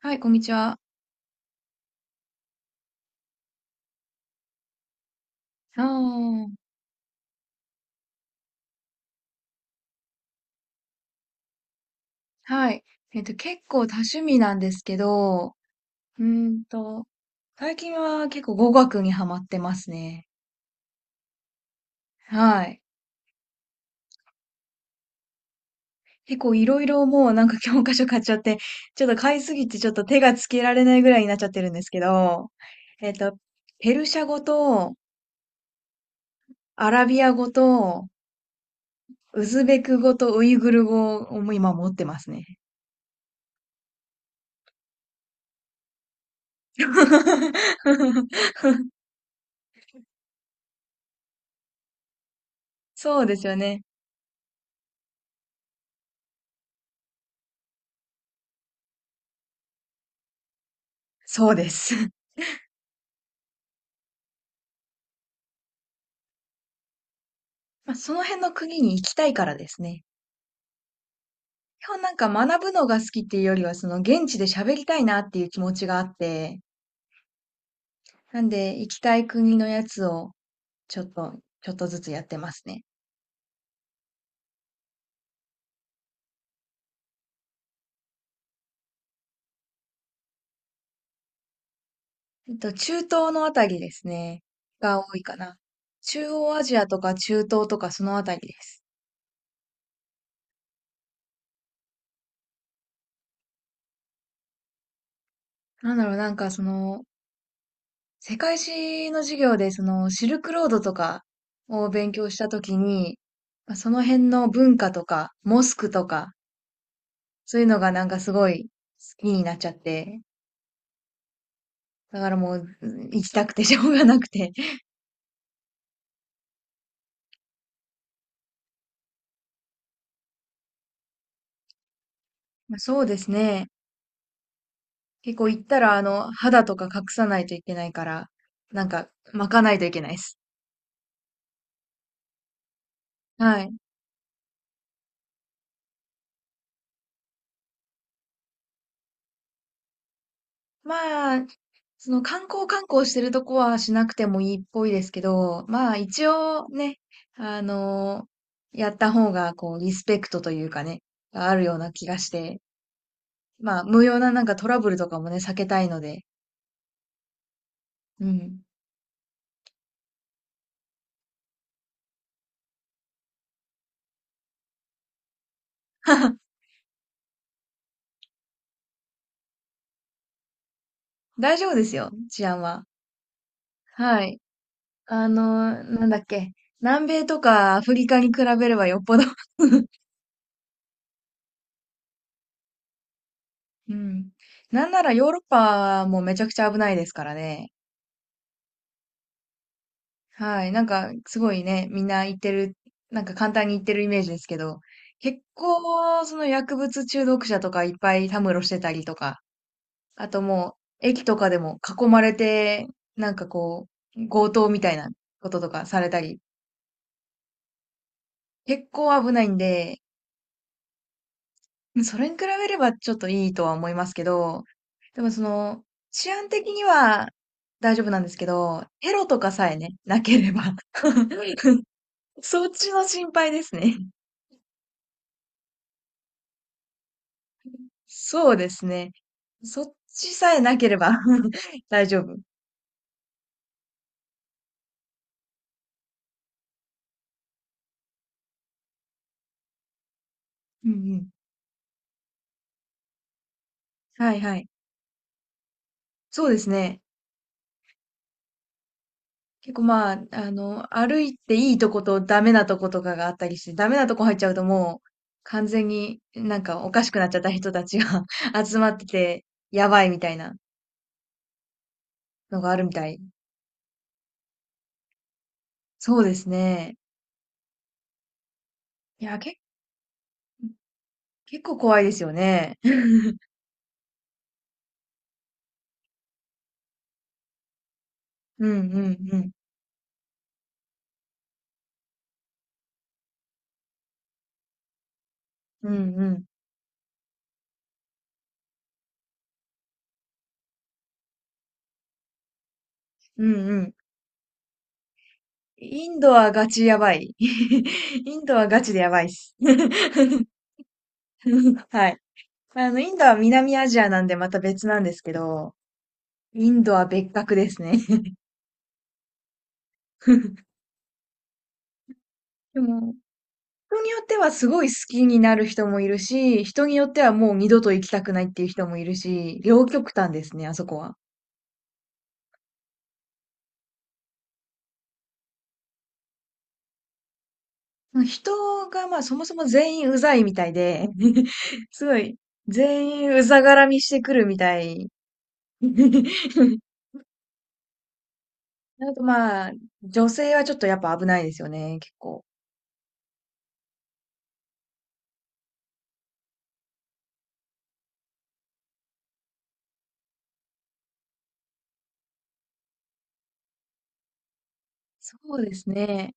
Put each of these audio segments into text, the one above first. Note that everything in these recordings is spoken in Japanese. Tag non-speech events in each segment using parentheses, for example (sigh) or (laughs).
はい、こんにちは。ああ、はい。結構多趣味なんですけど、うーんと、最近は結構語学にハマってますね。はい。結構いろいろもうなんか教科書買っちゃって、ちょっと買いすぎてちょっと手がつけられないぐらいになっちゃってるんですけど、えっと、ペルシャ語とアラビア語とウズベク語とウイグル語を今持ってますね。(laughs) そうですよね。そうです。まあ、その辺の国に行きたいからですね。基本なんか学ぶのが好きっていうよりは、その現地で喋りたいなっていう気持ちがあって、なんで行きたい国のやつをちょっとちょっとずつやってますね。中東のあたりですね、が多いかな。中央アジアとか中東とかそのあたりです。なんだろう、なんかその、世界史の授業でそのシルクロードとかを勉強したときに、ま、その辺の文化とか、モスクとかそういうのがなんかすごい好きになっちゃって、だからもう行きたくて (laughs) しょうがなくて。まあ、そうですね。結構行ったらあの肌とか隠さないといけないから、なんか巻かないといけないです。はい。まあ、その観光してるとこはしなくてもいいっぽいですけど、まあ一応ね、あのやった方がこうリスペクトというかね、あるような気がして、まあ無用ななんかトラブルとかもね、避けたいので、うん。(laughs) 大丈夫ですよ、治安は。はい。あのなんだっけ。南米とかアフリカに比べればよっぽど。 (laughs) うん。なんならヨーロッパもめちゃくちゃ危ないですからね。はい。なんか、すごいね、みんな言ってる、なんか簡単に言ってるイメージですけど、結構、その薬物中毒者とかいっぱいたむろしてたりとか、あと駅とかでも囲まれて、なんかこう、強盗みたいなこととかされたり、結構危ないんで、うん、それに比べればちょっといいとは思いますけど、でもその、治安的には大丈夫なんですけど、テロとかさえね、なければ。(laughs) そっちの心配ですね。そうですね。そっちさえなければ (laughs) 大丈夫。うんうん。はいはい。そうですね。結構まあ、あの、歩いていいとことダメなとことかがあったりして、ダメなとこ入っちゃうともう完全になんかおかしくなっちゃった人たちが (laughs) 集まってて、やばいみたいなのがあるみたい。そうですね。いや、け、結構怖いですよね。(laughs) うんうんうん。うんうん。うんうん。インドはガチやばい。(laughs) インドはガチでやばいっす。(laughs) はい。あの、インドは南アジアなんでまた別なんですけど、インドは別格ですね。(laughs) でも、人によってはすごい好きになる人もいるし、人によってはもう二度と行きたくないっていう人もいるし、両極端ですね、あそこは。人がまあそもそも全員うざいみたいで、(laughs) すごい、全員うざがらみしてくるみたい。(laughs) あとまあ、女性はちょっとやっぱ危ないですよね、結構。そうですね。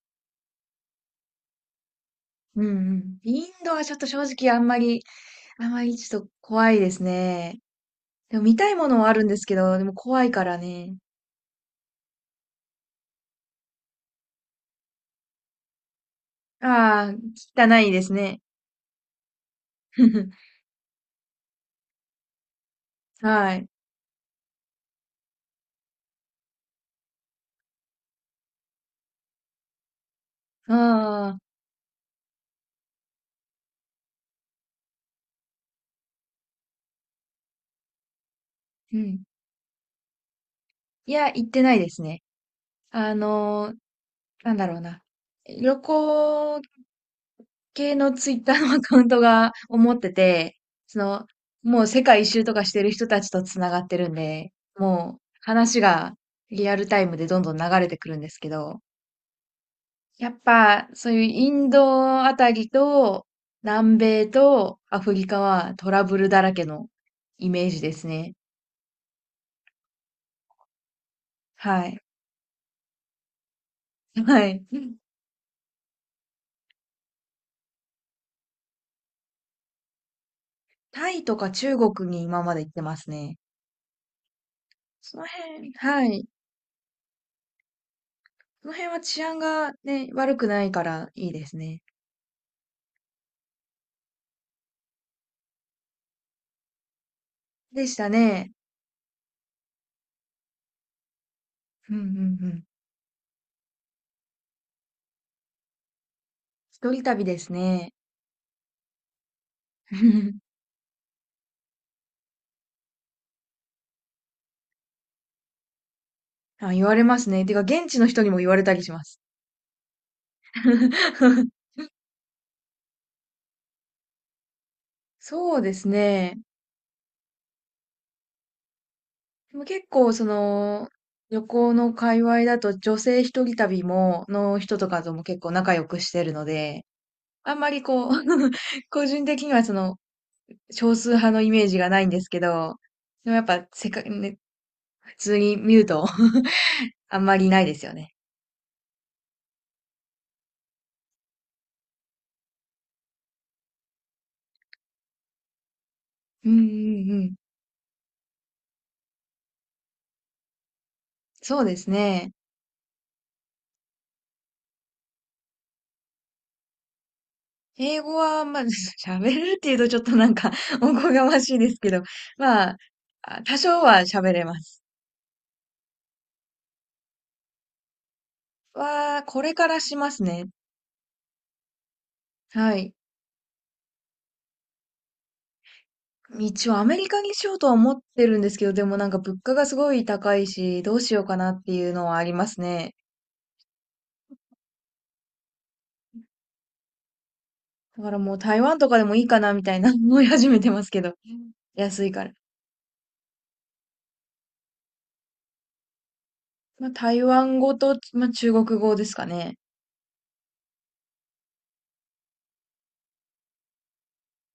うんうん。インドはちょっと正直あんまり、あんまりちょっと怖いですね。でも見たいものはあるんですけど、でも怖いからね。ああ、汚いですね。(laughs) はい。ああ、うん。いや、行ってないですね。あのーなんだろうな。旅行系のツイッターのアカウントが思ってて、その、もう世界一周とかしてる人たちと繋がってるんで、もう話がリアルタイムでどんどん流れてくるんですけど、やっぱそういうインドあたりと南米とアフリカはトラブルだらけのイメージですね。はい。(laughs) はい。タイとか中国に今まで行ってますね。その辺、はい。その辺は治安がね、悪くないからいいですね。でしたね。うんうんうん。一人旅ですね。(laughs) あ、言われますね。てか、現地の人にも言われたりします。(laughs) そうですね。でも結構、その、旅行の界隈だと、女性一人旅も、の人とかとも結構仲良くしてるので、あんまりこう、(laughs) 個人的にはその、少数派のイメージがないんですけど、でもやっぱ、せか、ね、普通に見ると (laughs) あんまりないですよね。うんうんうん。そうですね。英語は、まあ、(laughs) 喋れるっていうとちょっとなんか (laughs) おこがましいですけど、まあ、多少は喋れます。これからしますね。はい。一応アメリカにしようとは思ってるんですけど、でもなんか物価がすごい高いし、どうしようかなっていうのはありますね。だからもう台湾とかでもいいかなみたいな (laughs) 思い始めてますけど。安いから。まあ、台湾語と、まあ、中国語ですかね。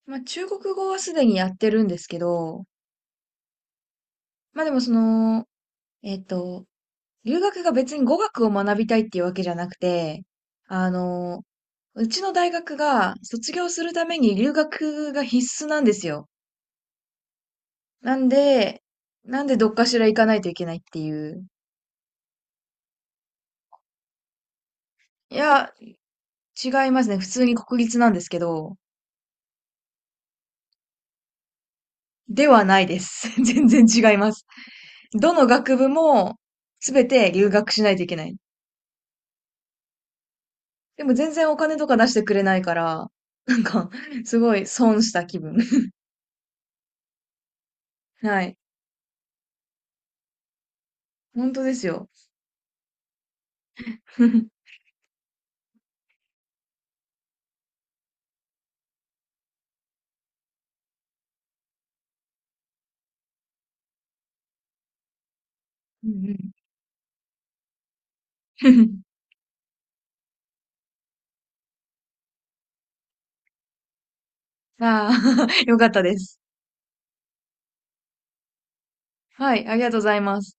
まあ、中国語はすでにやってるんですけど、まあでもその、えっと、留学が別に語学を学びたいっていうわけじゃなくて、あの、うちの大学が卒業するために留学が必須なんですよ。なんで、なんでどっかしら行かないといけないっていう。いや、違いますね。普通に国立なんですけど、ではないです。(laughs) 全然違います。どの学部もすべて留学しないといけない。でも全然お金とか出してくれないから、なんか、すごい損した気分。(laughs) はい。本当ですよ。(laughs) うんうん。 (laughs) ああ、(laughs) よかったです。はい、ありがとうございます。